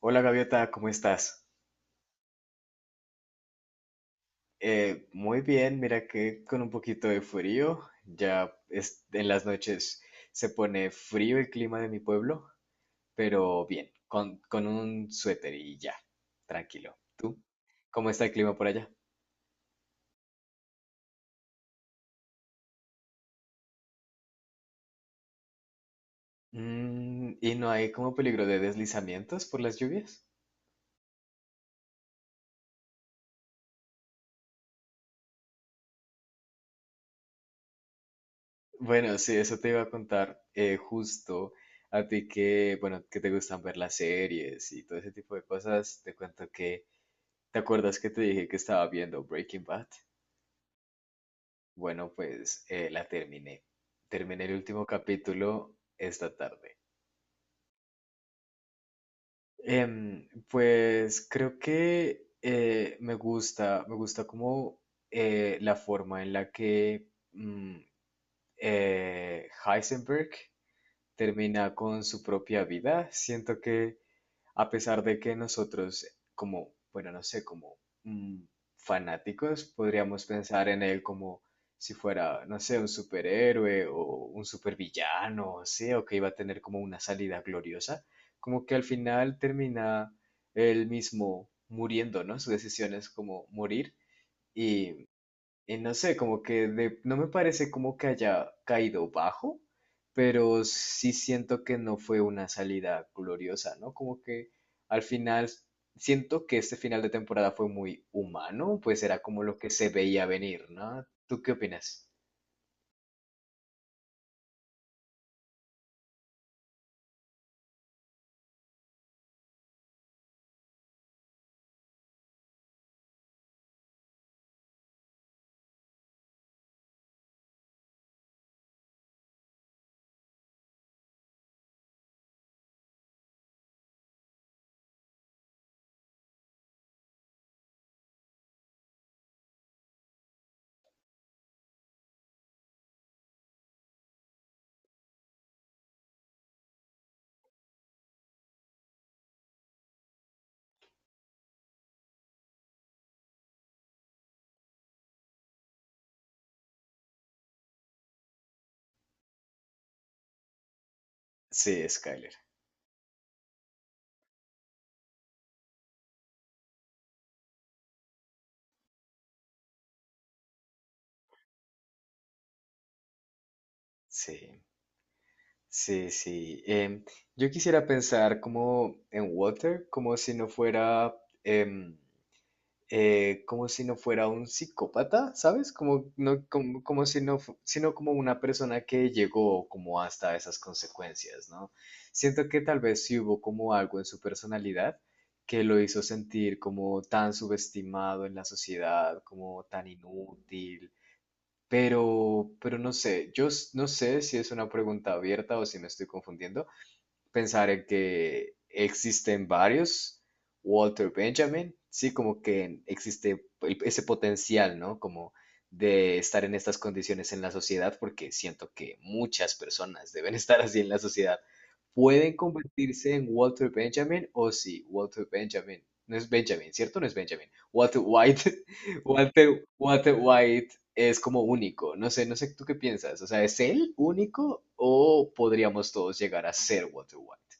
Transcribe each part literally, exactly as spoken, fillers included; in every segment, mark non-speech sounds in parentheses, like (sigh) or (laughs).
Hola Gaviota, ¿cómo estás? Eh, muy bien, mira que con un poquito de frío, ya es- en las noches se pone frío el clima de mi pueblo, pero bien, con, con un suéter y ya, tranquilo. ¿Tú? ¿Cómo está el clima por allá? Mm, ¿y no hay como peligro de deslizamientos por las lluvias? Bueno, sí, eso te iba a contar eh, justo a ti que, bueno, que te gustan ver las series y todo ese tipo de cosas, te cuento que... ¿Te acuerdas que te dije que estaba viendo Breaking Bad? Bueno, pues eh, la terminé. Terminé el último capítulo esta tarde. Em, pues creo que eh, me gusta, me gusta como eh, la forma en la que mm, eh, Heisenberg termina con su propia vida. Siento que a pesar de que nosotros, como, bueno, no sé, como mm, fanáticos, podríamos pensar en él como si fuera, no sé, un superhéroe o un supervillano, sí, o que iba a tener como una salida gloriosa, como que al final termina él mismo muriendo, ¿no? Su decisión es como morir y y no sé, como que de- no me parece como que haya caído bajo, pero sí siento que no fue una salida gloriosa, ¿no? Como que al final siento que este final de temporada fue muy humano, pues era como lo que se veía venir, ¿no? ¿Tú qué opinas? Sí, Skyler. Sí, sí, sí. Em, yo quisiera pensar como en Water, como si no fuera... em, eh, como si no fuera un psicópata, ¿sabes? Como, no, como, como si no, fu- sino como una persona que llegó como hasta esas consecuencias, ¿no? Siento que tal vez sí hubo como algo en su personalidad que lo hizo sentir como tan subestimado en la sociedad, como tan inútil, pero, pero no sé, yo s- no sé si es una pregunta abierta o si me estoy confundiendo, pensar en que existen varios Walter Benjamin, sí, como que existe el- ese potencial, ¿no? Como de estar en estas condiciones en la sociedad, porque siento que muchas personas deben (laughs) estar así en la sociedad. ¿Pueden convertirse en Walter Benjamin? O sí, Walter Benjamin. No es Benjamin, ¿cierto? No es Benjamin. Walter White. (laughs) Walter, Walter White es como único. No sé, no sé tú qué piensas. O sea, ¿es él único o podríamos todos llegar a ser Walter White?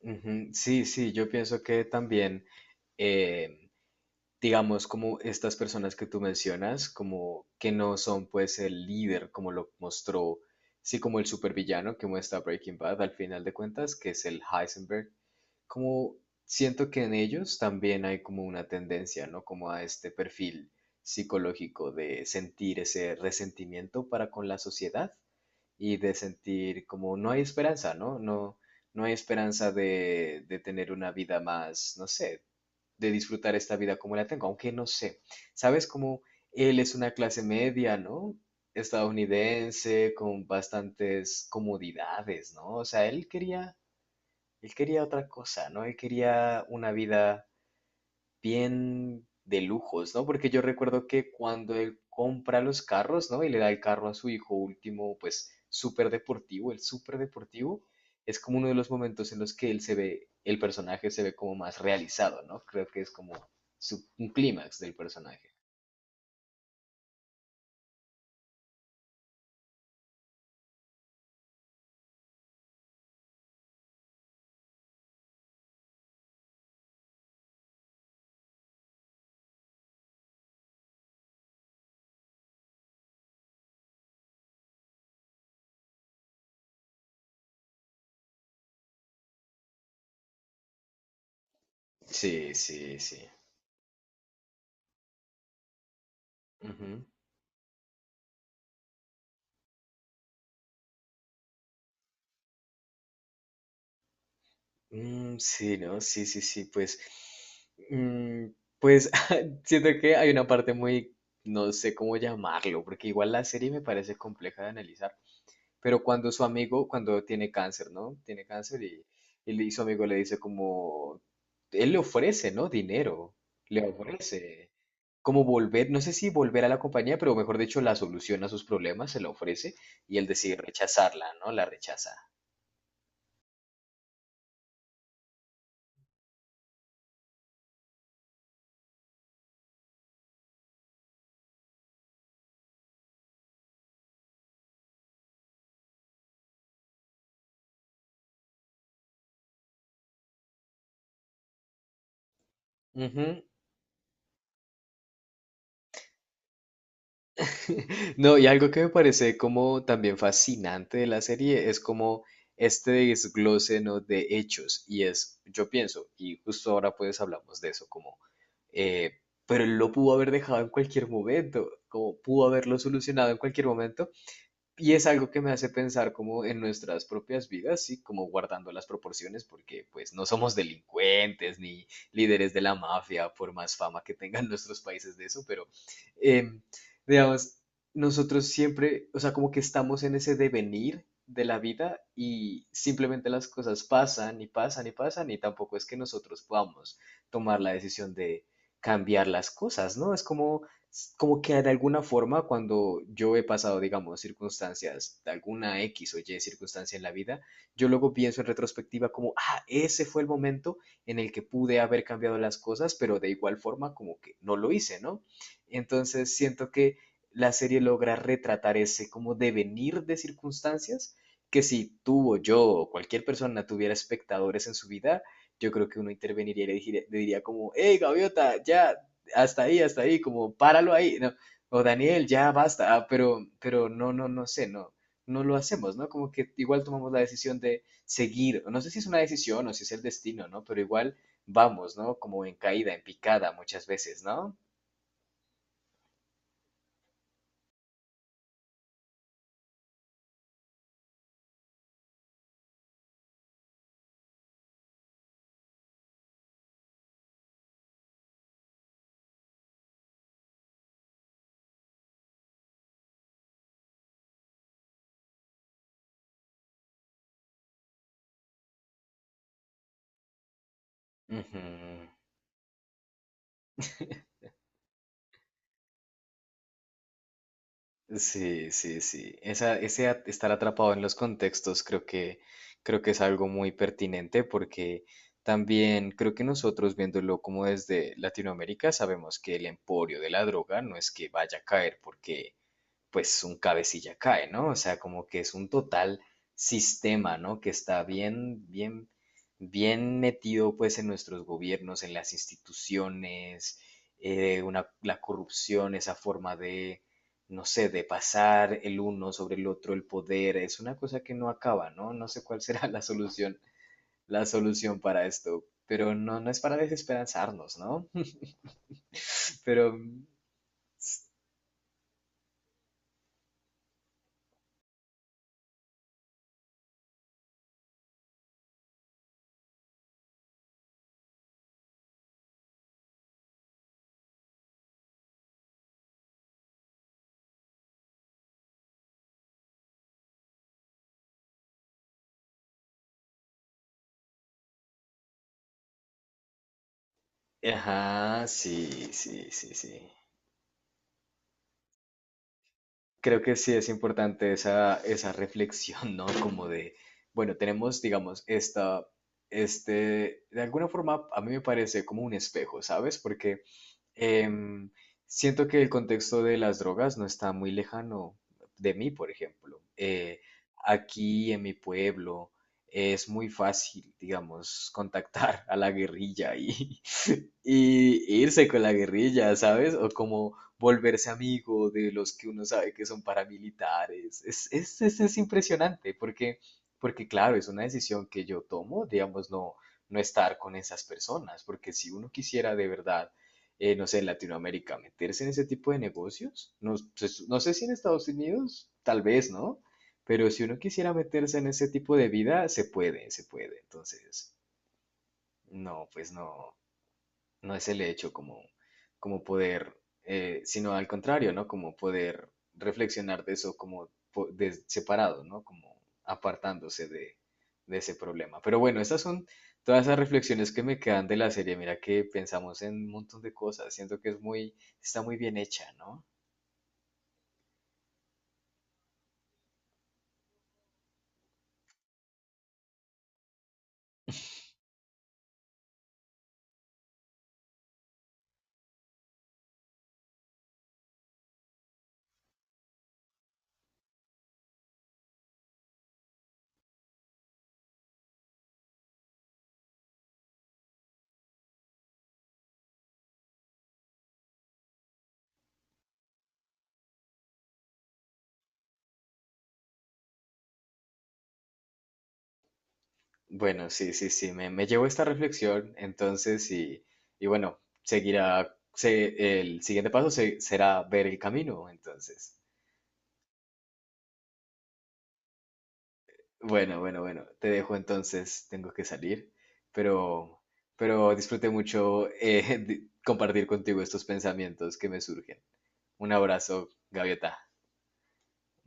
Ujú, sí, sí, yo pienso que también, eh, digamos, como estas personas que tú mencionas, como que no son pues el líder, como lo mostró, sí, como el supervillano que muestra Breaking Bad al final de cuentas, que es el Heisenberg, como siento que en ellos también hay como una tendencia, ¿no? Como a este perfil psicológico de sentir ese resentimiento para con la sociedad y de sentir como no hay esperanza, ¿no? No, no hay esperanza de, de tener una vida más, no sé, de disfrutar esta vida como la tengo, aunque no sé, ¿sabes? Como él es una clase media, ¿no? Estadounidense, con bastantes comodidades, ¿no? O sea, él quería él quería otra cosa, ¿no? Él quería una vida bien de lujos, ¿no? Porque yo recuerdo que cuando él compra los carros, ¿no? Y le da el carro a su hijo último, pues súper deportivo, el súper deportivo, es como uno de los momentos en los que él se ve, el personaje se ve como más realizado, ¿no? Creo que es como su- un clímax del personaje. Sí, sí, sí. Mm, sí, ¿no? Sí, sí, sí, pues, mm, pues (laughs) siento que hay una parte muy, no sé cómo llamarlo, porque igual la serie me parece compleja de analizar, pero cuando su amigo, cuando tiene cáncer, ¿no? Tiene cáncer y, y le- y su amigo le dice como, él le ofrece, ¿no? Dinero, le ofrece como volver, no sé si volver a la compañía, pero mejor dicho, la solución a sus problemas se la ofrece y él decide rechazarla, ¿no? La rechaza. Ujú. (laughs) No, y algo que me parece como también fascinante de la serie es como este desglose, ¿no? De hechos. Y es, yo pienso, y justo ahora pues hablamos de eso, como, eh, pero él lo pudo haber dejado en cualquier momento, como pudo haberlo solucionado en cualquier momento, y es algo que me hace pensar como en nuestras propias vidas, sí, como guardando las proporciones, porque pues no somos delincuentes ni líderes de la mafia, por más fama que tengan (laughs) nuestros países de eso, pero em, digamos, nosotros siempre, o sea, como que estamos en ese devenir de la vida y simplemente las cosas pasan y pasan y pasan y tampoco es que nosotros podamos tomar la decisión de cambiar las cosas, ¿no? Es como s- como que de alguna forma cuando yo he pasado, digamos, circunstancias, de alguna X o Y circunstancia en la vida, yo luego pienso en retrospectiva como, ah, ese fue el momento en el que pude haber cambiado las cosas, pero de igual forma como que no lo hice, ¿no? Entonces siento que la serie logra retratar ese como devenir de circunstancias que si tú o yo o cualquier persona tuviera espectadores en su vida, yo creo que uno interveniría y le dijera- le diría, como, hey, gaviota, ya, hasta ahí, hasta ahí, como páralo ahí, ¿no? O Daniel, ya basta, ah, pero, pero no, no, no sé, no, no lo hacemos, ¿no? Como que igual tomamos la decisión de seguir, no sé si es una decisión o si es el destino, ¿no? Pero igual vamos, ¿no? Como en caída, en picada muchas veces, ¿no? Ujú. Sí, sí, sí. Esa, ese a- estar atrapado en los contextos creo que, creo que es algo muy pertinente porque también creo que nosotros viéndolo como desde Latinoamérica sabemos que el emporio de la droga no es que vaya a caer porque pues un cabecilla cae, ¿no? O sea, como que es un total sistema, ¿no? Que está bien, bien, bien metido pues en nuestros gobiernos, en las instituciones, eh, una- la corrupción, esa forma de, no sé, de pasar el uno sobre el otro, el poder, es una cosa que no acaba, ¿no? No sé cuál será (laughs) la solución, la solución para esto, pero no, no es para desesperanzarnos, ¿no? (laughs) Pero, ajá, sí, sí, sí, sí. Creo que sí es importante esa, esa reflexión, ¿no? Como de, bueno, tenemos, digamos, esta, este, de alguna forma a mí me parece como un espejo, ¿sabes? Porque em, siento que el contexto de las drogas no está muy lejano de mí, por ejemplo. Eh, aquí en mi pueblo es muy fácil, digamos, contactar a la guerrilla y, y irse con la guerrilla, ¿sabes? O como volverse amigo de los que uno sabe que son paramilitares. Es, es, es, es impresionante porque, porque, claro, es una decisión que yo tomo, digamos, no, no estar con esas personas, porque si uno quisiera de verdad, eh, no sé, en Latinoamérica meterse en ese tipo de negocios, no, pues, no sé si en Estados Unidos, tal vez, ¿no? Pero si uno quisiera meterse en ese tipo de vida, se puede, se puede. Entonces, no, pues no no es el hecho como, como poder, eh, sino al contrario, ¿no? Como poder reflexionar de eso como po- de- separado, ¿no? Como apartándose de, de ese problema. Pero bueno, estas son todas esas reflexiones que me quedan de la serie. Mira que pensamos en un montón de cosas. Siento que es muy, está muy bien hecha, ¿no? Bueno, sí, sí, sí, me, me llevo esta reflexión, entonces, y, y bueno, seguirá, se- el siguiente paso se- será ver el camino, entonces. Bueno, bueno, bueno, te dejo entonces, tengo que salir, pero, pero disfruté mucho eh, (laughs) di- compartir contigo estos pensamientos que me surgen. Un abrazo, Gaviota.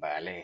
Vale.